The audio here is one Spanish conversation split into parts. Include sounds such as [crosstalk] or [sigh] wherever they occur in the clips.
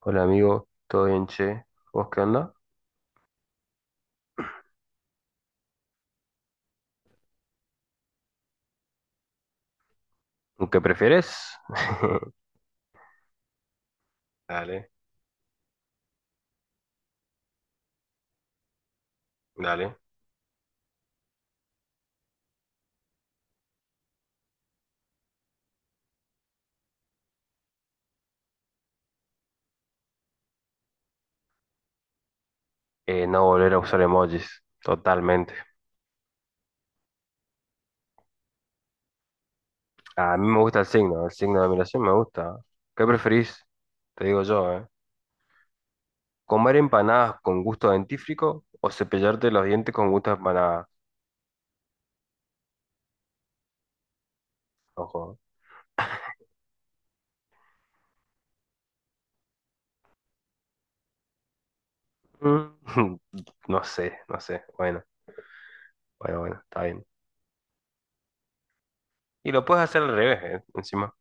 Hola amigo, ¿todo bien, che? ¿Vos qué onda? ¿Qué prefieres? [laughs] Dale, dale. No volver a usar emojis, totalmente. A mí me gusta el signo de admiración me gusta. ¿Qué preferís? Te digo yo, ¿eh? ¿Comer empanadas con gusto a dentífrico o cepillarte los dientes con gusto a empanada? Ojo. Mm, [laughs] No sé, no sé. Bueno, bueno, bueno, está bien. Y lo puedes hacer al revés, ¿eh? Encima,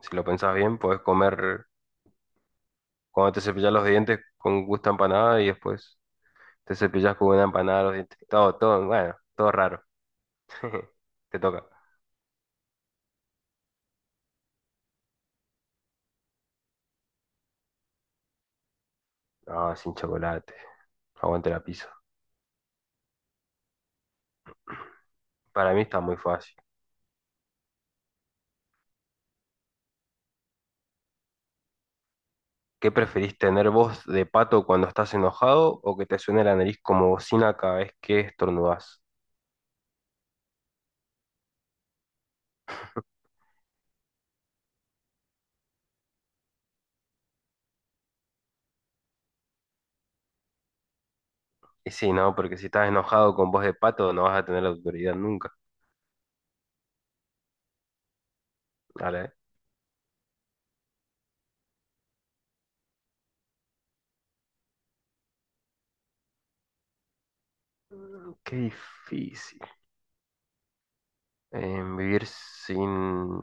si lo pensás bien, puedes comer cuando te cepillas los dientes con gusto a empanada y después te cepillas con una empanada los dientes. Todo, todo, bueno, todo raro. [laughs] Te toca. No, sin chocolate. Aguante la pizza. Para mí está muy fácil. ¿Qué preferís tener voz de pato cuando estás enojado o que te suene la nariz como bocina cada vez que estornudás? Y sí, no, porque si estás enojado con voz de pato no vas a tener la autoridad nunca. Dale. Mm, qué difícil. Vivir sin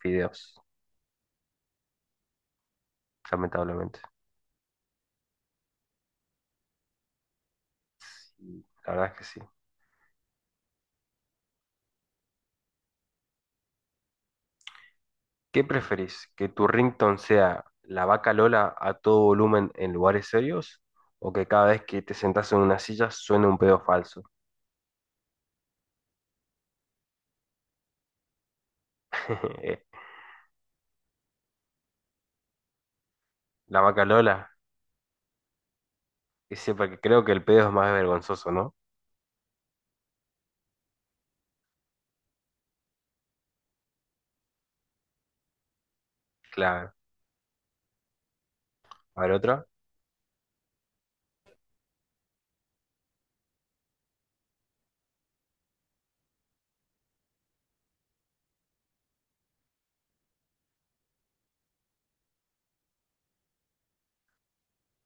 fideos, lamentablemente. Sí, la verdad es que sí. ¿Qué preferís? ¿Que tu ringtone sea la vaca Lola a todo volumen en lugares serios? ¿O que cada vez que te sentás en una silla suene un pedo falso? [laughs] La vaca Lola, que sepa que creo que el pedo es más vergonzoso, ¿no? Claro. A ver otra.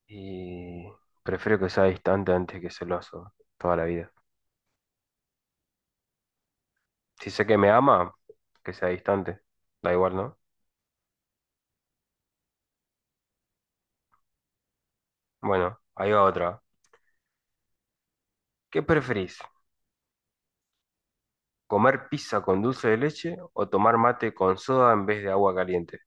Y prefiero que sea distante antes que celoso, toda la vida. Si sé que me ama, que sea distante. Da igual, ¿no? Bueno, ahí va otra. ¿Qué preferís? ¿Comer pizza con dulce de leche o tomar mate con soda en vez de agua caliente?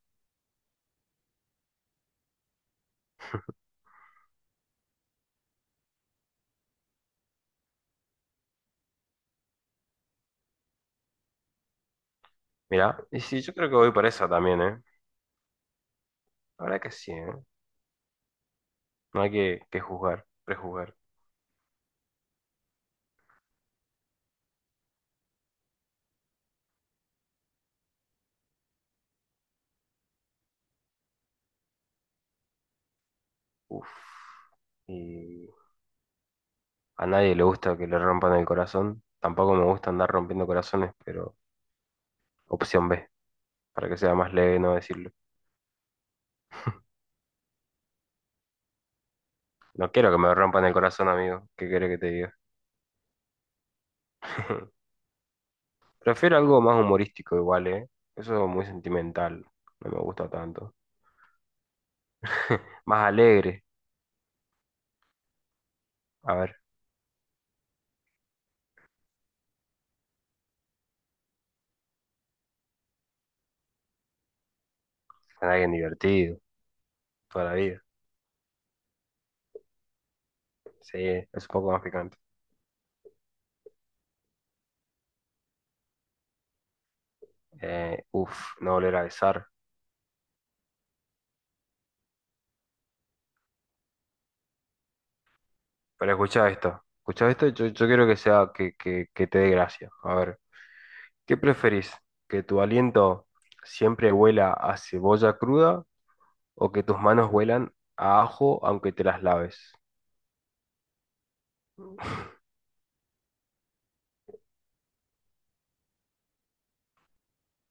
Mira, y sí, yo creo que voy por esa también, ¿eh? La verdad que sí, ¿eh? No hay que juzgar, prejuzgar. Uf. Y a nadie le gusta que le rompan el corazón. Tampoco me gusta andar rompiendo corazones, pero opción B, para que sea más leve no decirlo. No quiero que me rompan el corazón, amigo. ¿Qué querés que te diga? [laughs] Prefiero algo más humorístico igual, ¿eh? Eso es muy sentimental. No me gusta tanto. Más alegre. A ver, con alguien divertido, toda la vida. Sí, es un poco más picante. Uf, no volver a besar. Pero escucha esto. Escucha esto, yo quiero que sea que te dé gracia. A ver, ¿qué preferís? ¿Que tu aliento siempre huela a cebolla cruda o que tus manos huelan a ajo aunque te las laves?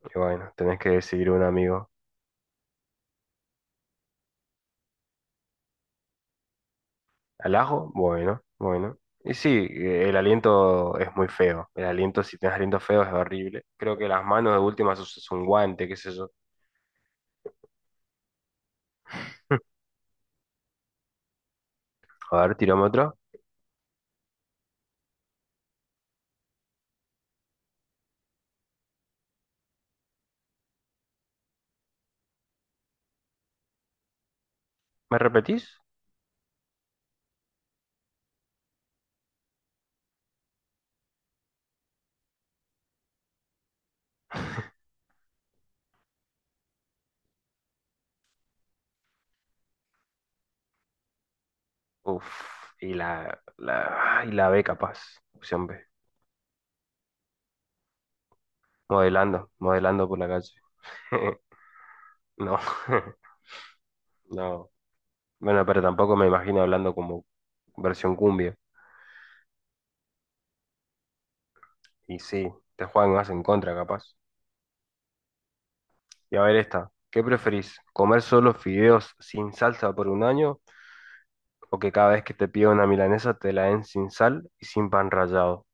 Y bueno, tenés que decidir un amigo. ¿Al ajo? Bueno, bueno. Y sí, el aliento es muy feo. El aliento, si tenés aliento feo, es horrible. Creo que las manos de última usas un guante, qué sé yo. A ver, tirame otro. ¿Me repetís? Uf, y ay, la B capaz, opción B. Modelando, modelando por la calle. [laughs] No, [laughs] no. Bueno, pero tampoco me imagino hablando como versión cumbia. Y sí, te juegan más en contra, capaz. Y a ver esta, ¿qué preferís? ¿Comer solo fideos sin salsa por un año? ¿O que cada vez que te pida una milanesa te la den sin sal y sin pan rallado?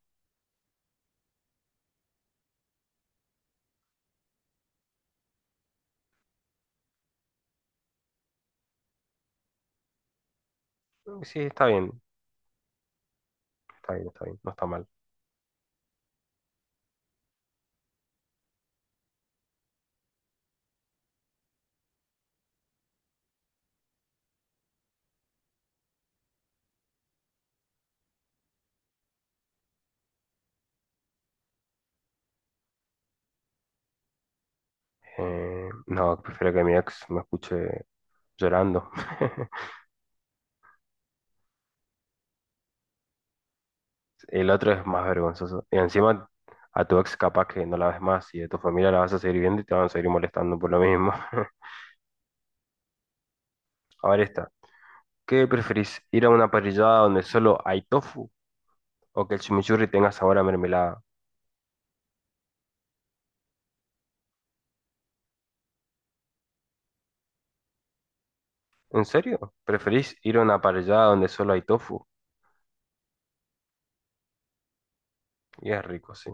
Sí, está bien, está bien, está bien, no está mal. No, prefiero que mi ex me escuche llorando. [laughs] El otro es más vergonzoso. Y encima a tu ex capaz que no la ves más y de tu familia la vas a seguir viendo y te van a seguir molestando por lo mismo. [laughs] A ver esta. ¿Qué preferís? ¿Ir a una parrillada donde solo hay tofu o que el chimichurri tenga sabor a mermelada? ¿En serio? ¿Preferís ir a una parrillada donde solo hay tofu? Y es rico, sí.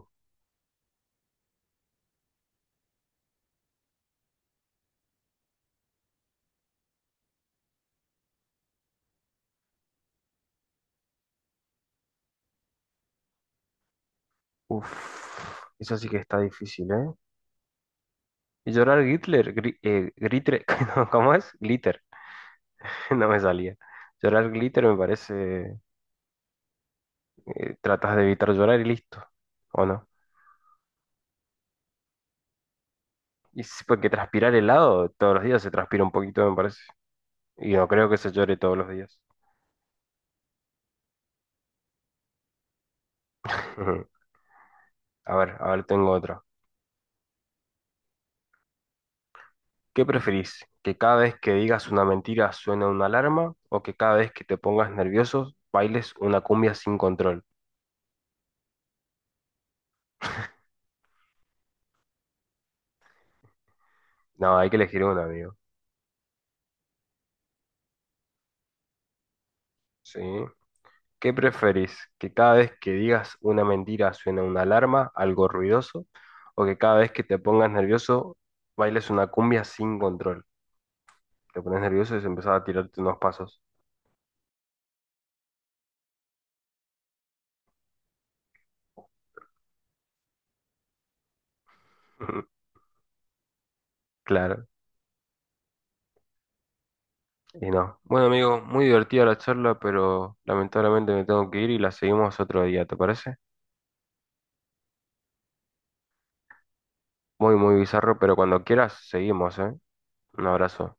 Uf, eso sí que está difícil, ¿eh? Y llorar glitter, glitter, [laughs] no, ¿cómo es? Glitter, [laughs] no me salía. Llorar glitter me parece, tratas de evitar llorar y listo, ¿o no? Y sí, porque transpirar helado todos los días se transpira un poquito, me parece. Y no creo que se llore todos los días. [laughs] A ver, tengo otra. ¿Qué preferís? ¿Que cada vez que digas una mentira suene una alarma o que cada vez que te pongas nervioso bailes una cumbia sin control? No, hay que elegir una, amigo. ¿Sí? ¿Qué preferís? ¿Que cada vez que digas una mentira suene una alarma, algo ruidoso? ¿O que cada vez que te pongas nervioso bailes una cumbia sin control? Te pones nervioso y se empezás a tirarte unos pasos. [laughs] Claro, y no. Bueno, amigo, muy divertida la charla, pero lamentablemente me tengo que ir y la seguimos otro día, ¿te parece? Muy, muy bizarro, pero cuando quieras, seguimos, ¿eh? Un abrazo.